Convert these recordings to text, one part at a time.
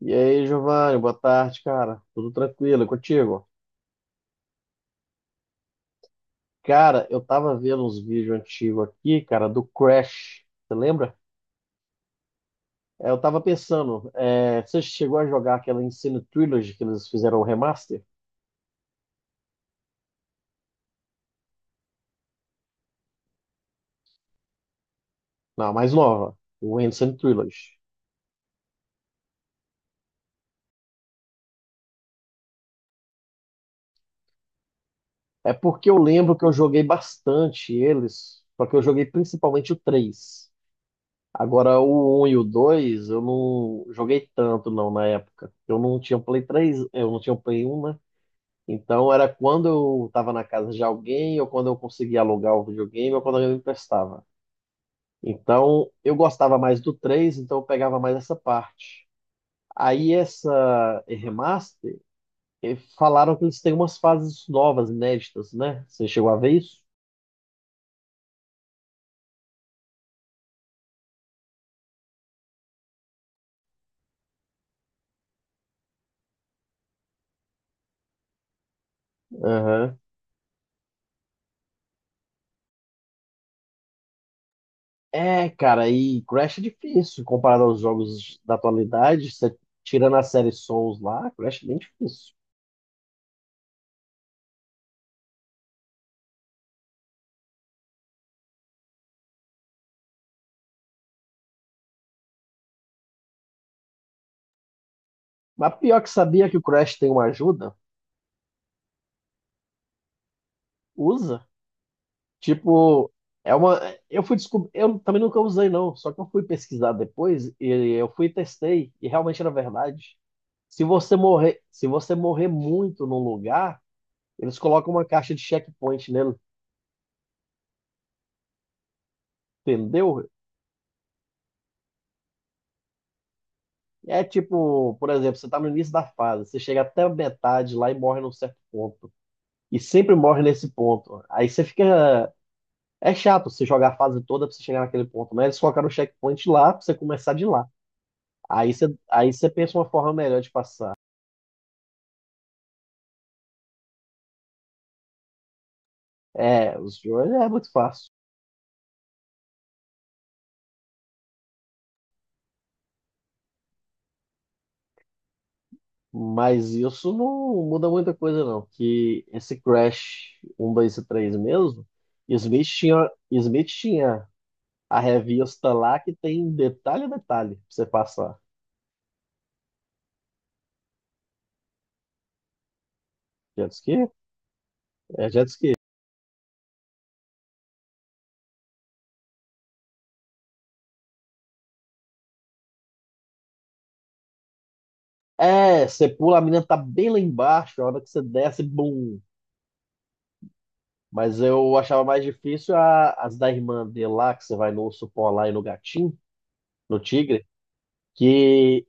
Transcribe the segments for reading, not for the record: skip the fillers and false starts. E aí, Giovanni, boa tarde, cara. Tudo tranquilo, e contigo? Cara, eu tava vendo uns vídeos antigos aqui, cara, do Crash. Você lembra? Eu tava pensando, você chegou a jogar aquela Insane Trilogy que eles fizeram o remaster? Não, a mais nova, o Insane Trilogy. É porque eu lembro que eu joguei bastante eles, só que eu joguei principalmente o 3. Agora, o um e o 2, eu não joguei tanto, não, na época. Eu não tinha o Play 3, eu não tinha o Play um, né? Então era quando eu estava na casa de alguém, ou quando eu conseguia alugar o videogame, ou quando alguém me emprestava. Então eu gostava mais do 3, então eu pegava mais essa parte. Aí essa remaster, falaram que eles têm umas fases novas, inéditas, né? Você chegou a ver isso? Aham. É, cara, e Crash é difícil comparado aos jogos da atualidade. Você tirando a série Souls lá, Crash é bem difícil. Mas pior que sabia que o Crash tem uma ajuda? Usa. Tipo, é uma. Eu fui descobrir. Eu também nunca usei, não. Só que eu fui pesquisar depois e eu fui e testei. E realmente era verdade. Se você morrer, se você morrer muito num lugar, eles colocam uma caixa de checkpoint nele, entendeu? É tipo, por exemplo, você tá no início da fase, você chega até a metade lá e morre num certo ponto. E sempre morre nesse ponto. Aí você fica. É chato você jogar a fase toda pra você chegar naquele ponto, né? Eles colocaram o checkpoint lá pra você começar de lá. Aí você pensa uma forma melhor de passar. É, os Joy é muito fácil. Mas isso não muda muita coisa, não. Que esse Crash um 2 e 3 mesmo, Smith tinha a revista lá que tem detalhe a detalhe pra você passar. Jet ski? É jet ski. É, você pula, a menina tá bem lá embaixo, a hora que você desce, bum. Mas eu achava mais difícil as da irmã dele lá, que você vai no urso polar e no gatinho, no tigre, que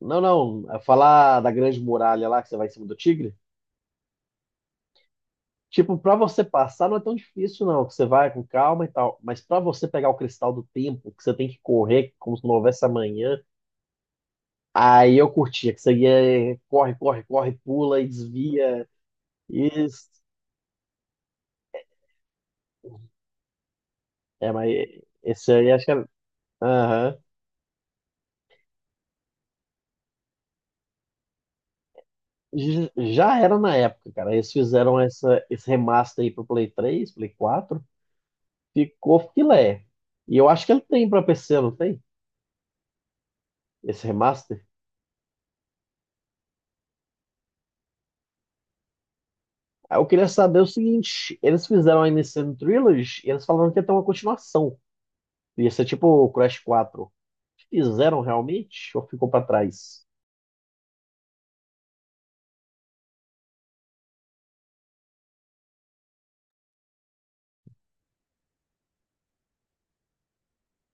Não, não. é Falar da Grande Muralha lá que você vai em cima do tigre. Tipo, pra você passar não é tão difícil, não. Que você vai com calma e tal. Mas pra você pegar o cristal do tempo, que você tem que correr como se não houvesse amanhã, aí eu curtia. Que você ia, corre, corre, corre, pula e desvia. Isso. É, mas esse aí acho que era. Aham. Já era na época, cara. Eles fizeram esse remaster aí pro Play 3, Play 4. Ficou filé. E eu acho que ele tem pra PC, não tem? Esse remaster. Aí Eu queria saber o seguinte: eles fizeram a MCM Trilogy e eles falaram que ia ter uma continuação. Ia ser tipo o Crash 4. Fizeram realmente? Ou ficou pra trás?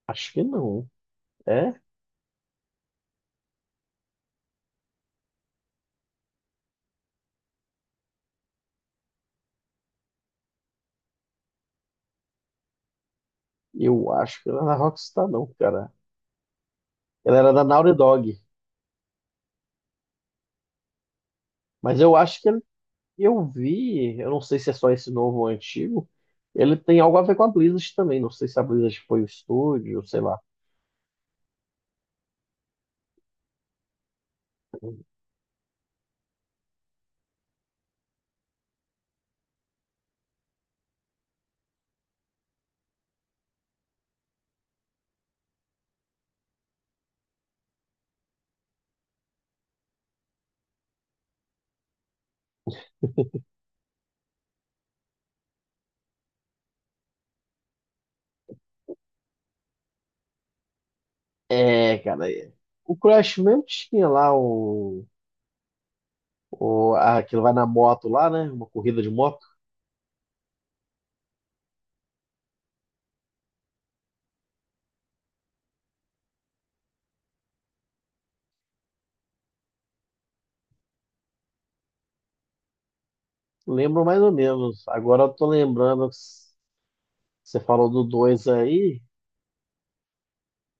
Acho que não. É? Eu acho que não era da Rockstar, não, cara. Ela era da Naughty Dog. Mas eu acho que ele- eu vi, eu não sei se é só esse novo ou antigo. Ele tem algo a ver com a Blizzard também. Não sei se a Blizzard foi o estúdio, sei lá. É, cara. É. O Crash mesmo tinha lá o. O, ah, aquilo vai na moto lá, né? Uma corrida de moto. Lembro mais ou menos. Agora eu tô lembrando, que você falou do dois aí.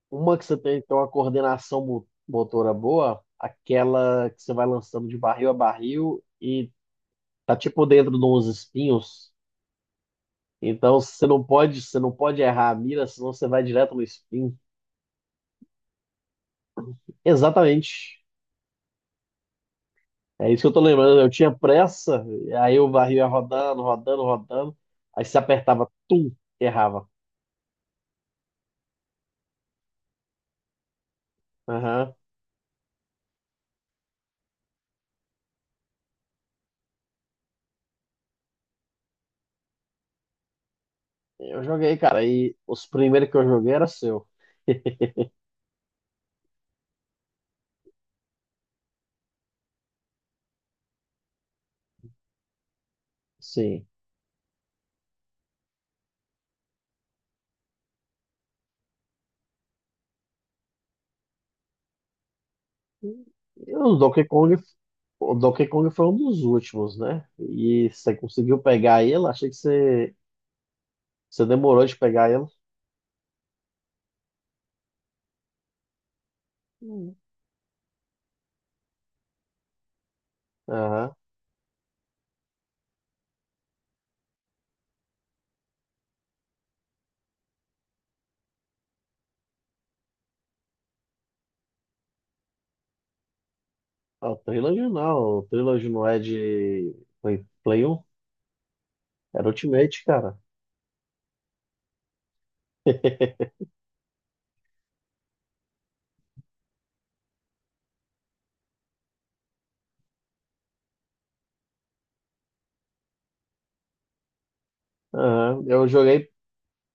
Uma que você tem que ter uma coordenação motora boa, aquela que você vai lançando de barril a barril e tá tipo dentro de uns espinhos. Então você não pode errar a mira, senão você vai direto no espinho. Exatamente. É isso que eu tô lembrando. Eu tinha pressa, aí o barril ia rodando, rodando, rodando. Aí você apertava, tum, errava. Aham. Eu joguei, cara, e os primeiros que eu joguei era seu. Sim. E o Donkey Kong foi um dos últimos, né? E você conseguiu pegar ele? Você demorou de pegar ele. Hum. Aham. Ah, o Trilogy não é de Play, Play 1, era Ultimate, cara. Aham. Eu joguei,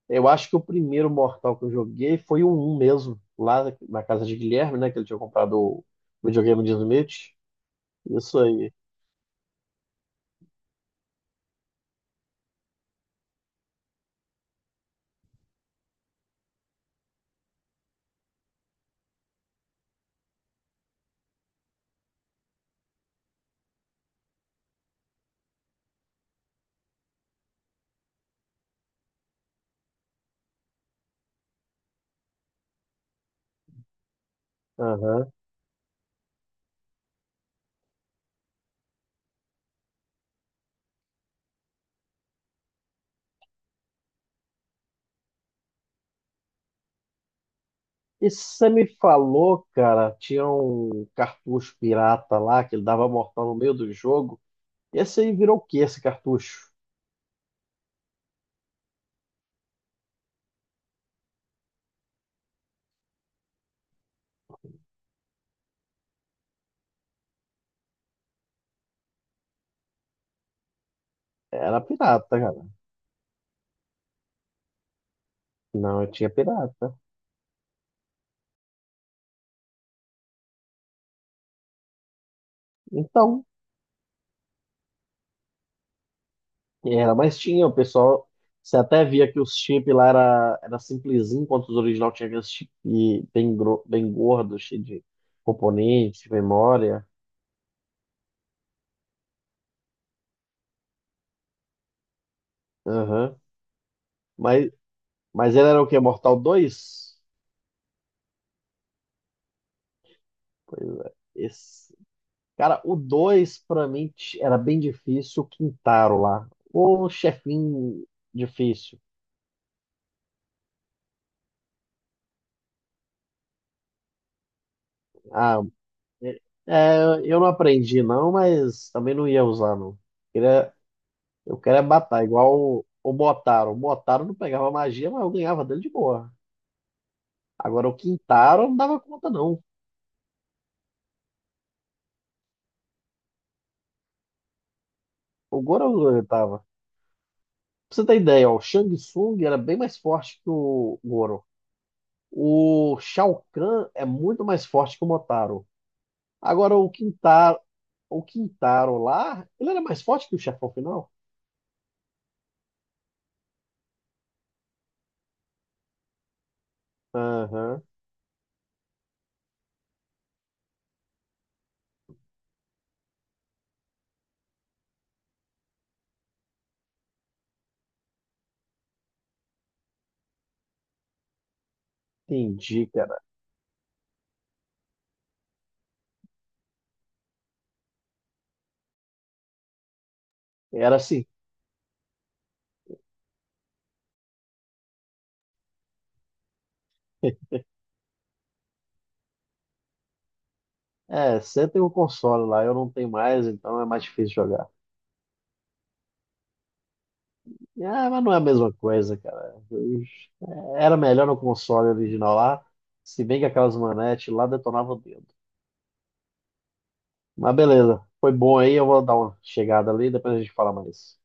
eu acho que o primeiro Mortal que eu joguei foi o um mesmo, lá na casa de Guilherme, né? Que ele tinha comprado o videogame de Smith. Isso aí. Aham. E você me falou, cara, tinha um cartucho pirata lá que ele dava mortal no meio do jogo. Esse aí virou o que esse cartucho? Era pirata, cara. Não, eu tinha pirata. Então, o pessoal. Você até via que os chips lá era simplesinho, enquanto os original tinha aqueles chips bem, bem gordos, cheio de componente, de memória. Aham. Mas, mas ele era o quê? Mortal 2. Pois é. Esse. Cara, o 2 pra mim era bem difícil, o Quintaro lá. O chefinho difícil. Ah, é, é, eu não aprendi não, mas também não ia usar não. Queria- eu queria é matar, igual o Botaro. O Botaro não pegava magia, mas eu ganhava dele de boa. Agora o Quintaro eu não dava conta não. O Goro eu tava. Pra você ter ideia, ó, o Shang Tsung era bem mais forte que o Goro. O Shao Kahn é muito mais forte que o Motaro. Agora o Quintaro, o Quintaro lá, ele era mais forte que o chefão final? Aham, entendi, cara. Era assim. É, você tem um console lá, eu não tenho mais, então é mais difícil jogar. Ah, mas não é a mesma coisa, cara. Eu- era melhor no console original lá, se bem que aquelas manetes lá detonavam o dedo. Mas beleza, foi bom aí, eu vou dar uma chegada ali, depois a gente fala mais.